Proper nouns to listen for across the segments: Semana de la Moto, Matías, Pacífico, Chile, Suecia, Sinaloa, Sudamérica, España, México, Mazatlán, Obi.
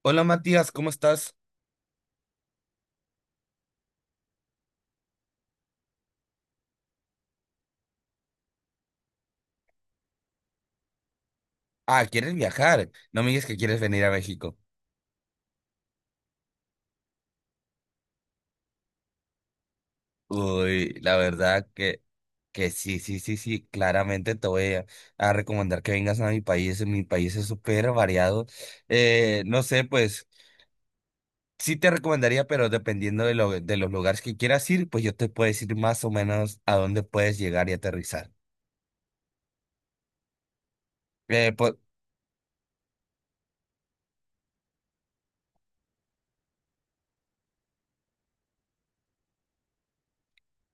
Hola Matías, ¿cómo estás? Ah, ¿quieres viajar? No me digas que quieres venir a México. Uy, la verdad que sí, sí, sí, sí, claramente te voy a recomendar que vengas a mi país. Mi país es súper variado. No sé, pues sí te recomendaría, pero dependiendo de, lo, de los lugares que quieras ir, pues yo te puedo decir más o menos a dónde puedes llegar y aterrizar. Eh, po-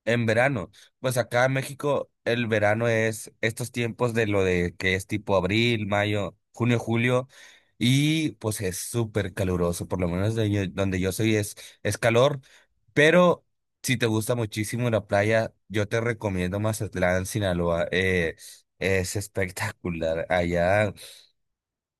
En verano, pues acá en México el verano es estos tiempos de lo de que es tipo abril, mayo, junio, julio y pues es súper caluroso, por lo menos de donde yo soy es calor, pero si te gusta muchísimo la playa, yo te recomiendo Mazatlán, Sinaloa. Es espectacular allá,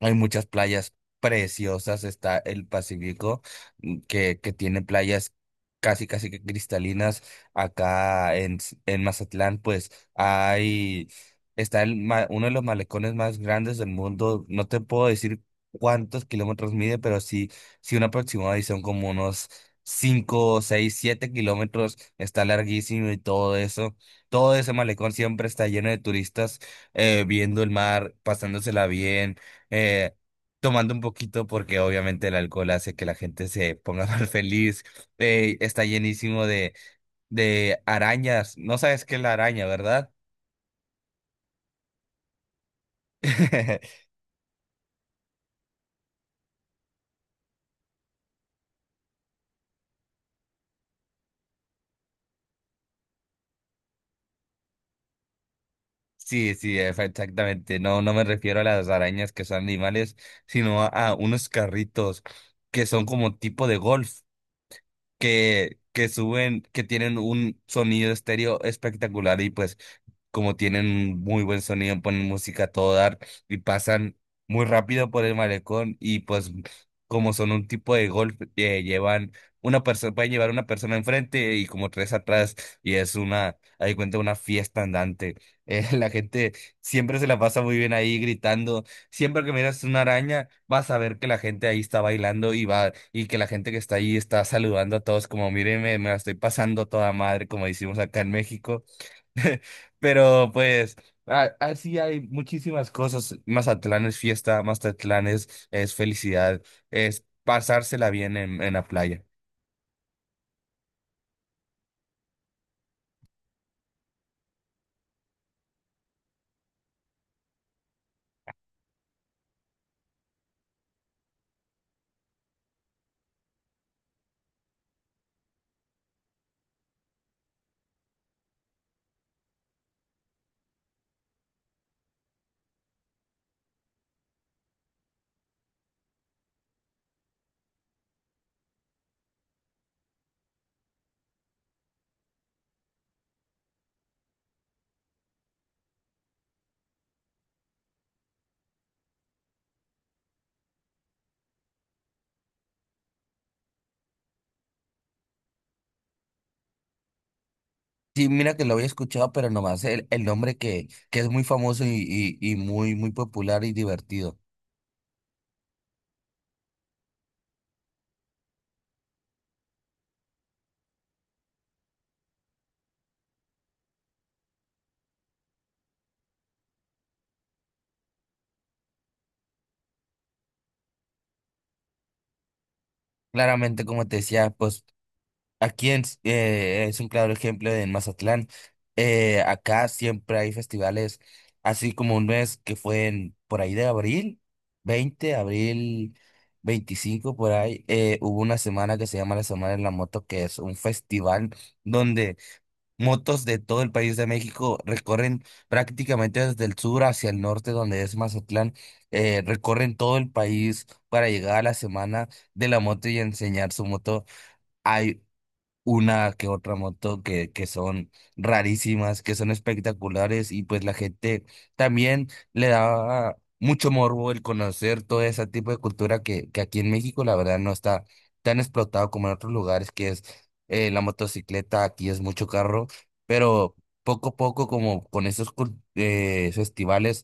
hay muchas playas preciosas, está el Pacífico, que tiene playas casi, casi que cristalinas. En Mazatlán, pues hay, está uno de los malecones más grandes del mundo. No te puedo decir cuántos kilómetros mide, pero sí, sí un aproximado y son como unos 5, 6, 7 km. Está larguísimo y todo eso. Todo ese malecón siempre está lleno de turistas, viendo el mar, pasándosela bien, eh, tomando un poquito porque obviamente el alcohol hace que la gente se ponga más feliz. Está llenísimo de arañas. No sabes qué es la araña, ¿verdad? Sí, sí, exactamente. No, no me refiero a las arañas que son animales, sino a unos carritos que son como tipo de golf, que suben, que tienen un sonido estéreo espectacular y pues como tienen muy buen sonido, ponen música a todo dar y pasan muy rápido por el malecón y pues como son un tipo de golf, llevan una persona, pueden llevar una persona enfrente y como tres atrás y es una, ahí cuenta, una fiesta andante. La gente siempre se la pasa muy bien ahí gritando. Siempre que miras una araña, vas a ver que la gente ahí está bailando y va, y que la gente que está ahí está saludando a todos como, mírenme, me la estoy pasando a toda madre, como decimos acá en México. Pero pues, a- así hay muchísimas cosas. Mazatlán es fiesta, Mazatlán es felicidad, es pasársela bien en la playa. Sí, mira que lo había escuchado, pero nomás el nombre que es muy famoso y muy, muy popular y divertido. Claramente, como te decía, pues aquí es un claro ejemplo en Mazatlán. Acá siempre hay festivales, así como un mes que fue en, por ahí de abril, 20 abril 25 por ahí, hubo una semana que se llama la Semana de la Moto, que es un festival donde motos de todo el país de México recorren prácticamente desde el sur hacia el norte, donde es Mazatlán, recorren todo el país para llegar a la Semana de la Moto y enseñar su moto, una que otra moto que son rarísimas, que son espectaculares y pues la gente también le daba mucho morbo el conocer todo ese tipo de cultura que aquí en México la verdad no está tan explotado como en otros lugares, que es la motocicleta, aquí es mucho carro, pero poco a poco como con esos festivales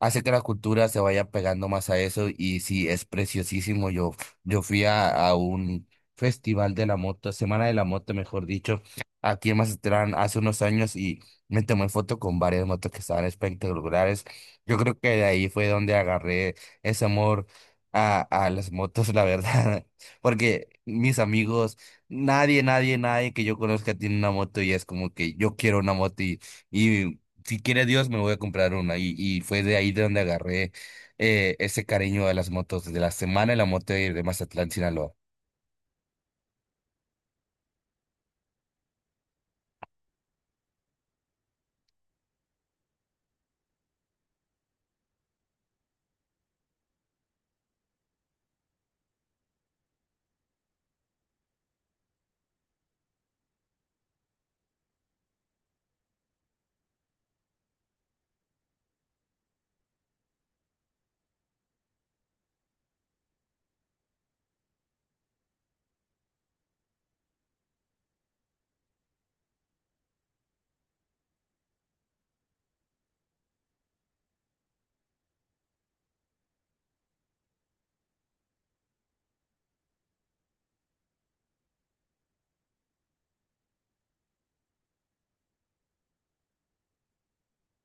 hace que la cultura se vaya pegando más a eso y sí, es preciosísimo. Yo fui a un festival de la moto, Semana de la Moto, mejor dicho, aquí en Mazatlán hace unos años y me tomé foto con varias motos que estaban espectaculares. Yo creo que de ahí fue donde agarré ese amor a, a las motos, la verdad, porque mis amigos, nadie, nadie, nadie que yo conozca tiene una moto y es como que yo quiero una moto y si quiere Dios, me voy a comprar una. Y fue de ahí de donde agarré ese cariño a las motos de la semana y la moto de Mazatlán, Sinaloa.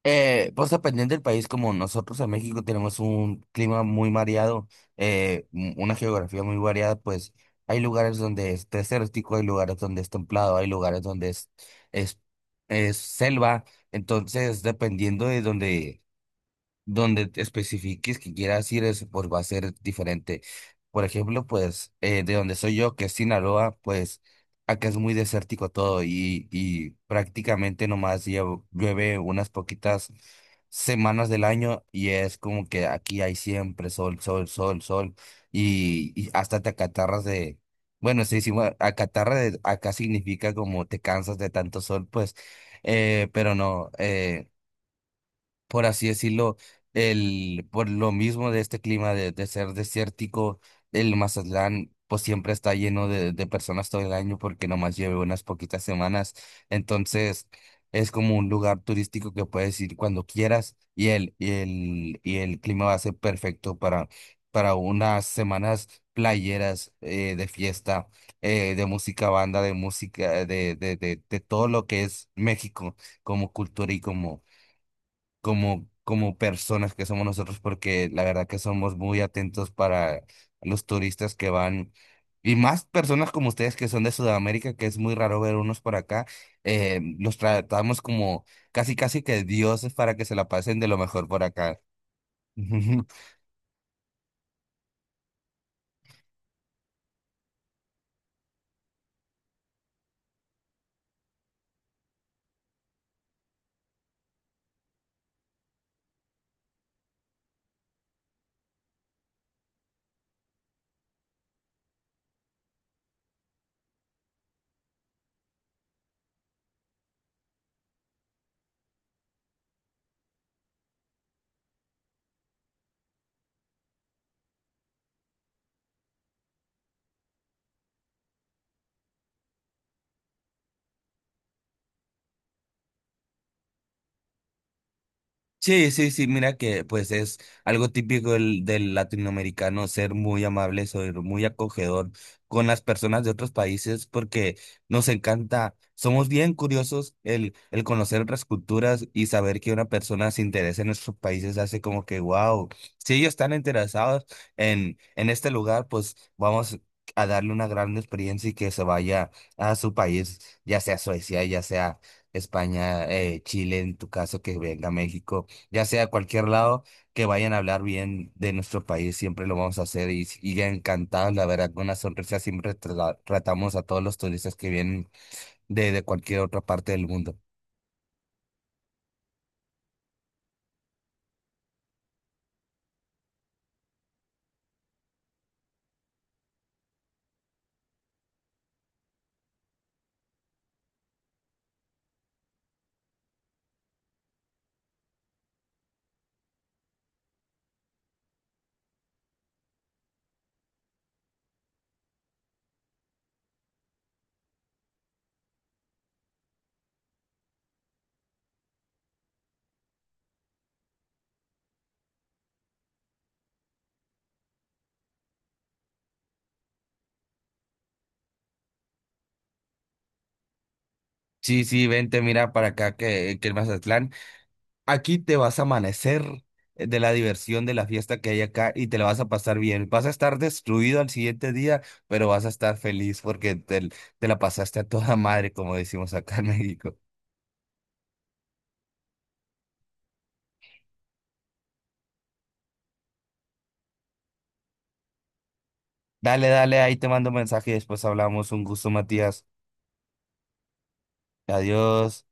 Pues dependiendo del país, como nosotros en México tenemos un clima muy variado, una geografía muy variada, pues hay lugares donde es desértico, hay lugares donde es templado, hay lugares donde es, es selva. Entonces, dependiendo de donde donde te especifiques que quieras ir, es, pues va a ser diferente. Por ejemplo, pues de donde soy yo, que es Sinaloa, pues acá es muy desértico todo y prácticamente nomás llueve unas poquitas semanas del año y es como que aquí hay siempre sol, sol, sol, sol y hasta te acatarras de... Bueno, sí, sí, bueno, acá significa como te cansas de tanto sol, pues, pero no. Por así decirlo, el, por lo mismo de este clima de ser desértico, el Mazatlán pues siempre está lleno de personas todo el año porque nomás lleve unas poquitas semanas. Entonces es como un lugar turístico que puedes ir cuando quieras y y el clima va a ser perfecto para unas semanas playeras, de fiesta, de música, banda, de música, de todo lo que es México como cultura y como como, como personas que somos nosotros, porque la verdad que somos muy atentos para los turistas que van, y más personas como ustedes que son de Sudamérica, que es muy raro ver unos por acá, los tratamos como casi, casi que dioses para que se la pasen de lo mejor por acá. Sí, sí, sí, mira que pues es algo típico del latinoamericano, ser muy amable, ser muy acogedor con las personas de otros países porque nos encanta, somos bien curiosos el conocer otras culturas y saber que una persona se interesa en nuestros países hace como que, wow, si ellos están interesados en este lugar, pues vamos a darle una gran experiencia y que se vaya a su país, ya sea Suecia, ya sea España, Chile, en tu caso, que venga a México, ya sea a cualquier lado, que vayan a hablar bien de nuestro país, siempre lo vamos a hacer y ya encantados, la verdad, con una sonrisa siempre tratamos a todos los turistas que vienen de cualquier otra parte del mundo. Sí, sí, vente, mira para acá que el Mazatlán, aquí te vas a amanecer de la diversión de la fiesta que hay acá y te la vas a pasar bien. Vas a estar destruido al siguiente día, pero vas a estar feliz porque te la pasaste a toda madre, como decimos acá en México. Dale, dale, ahí te mando mensaje y después hablamos. Un gusto, Matías. Adiós.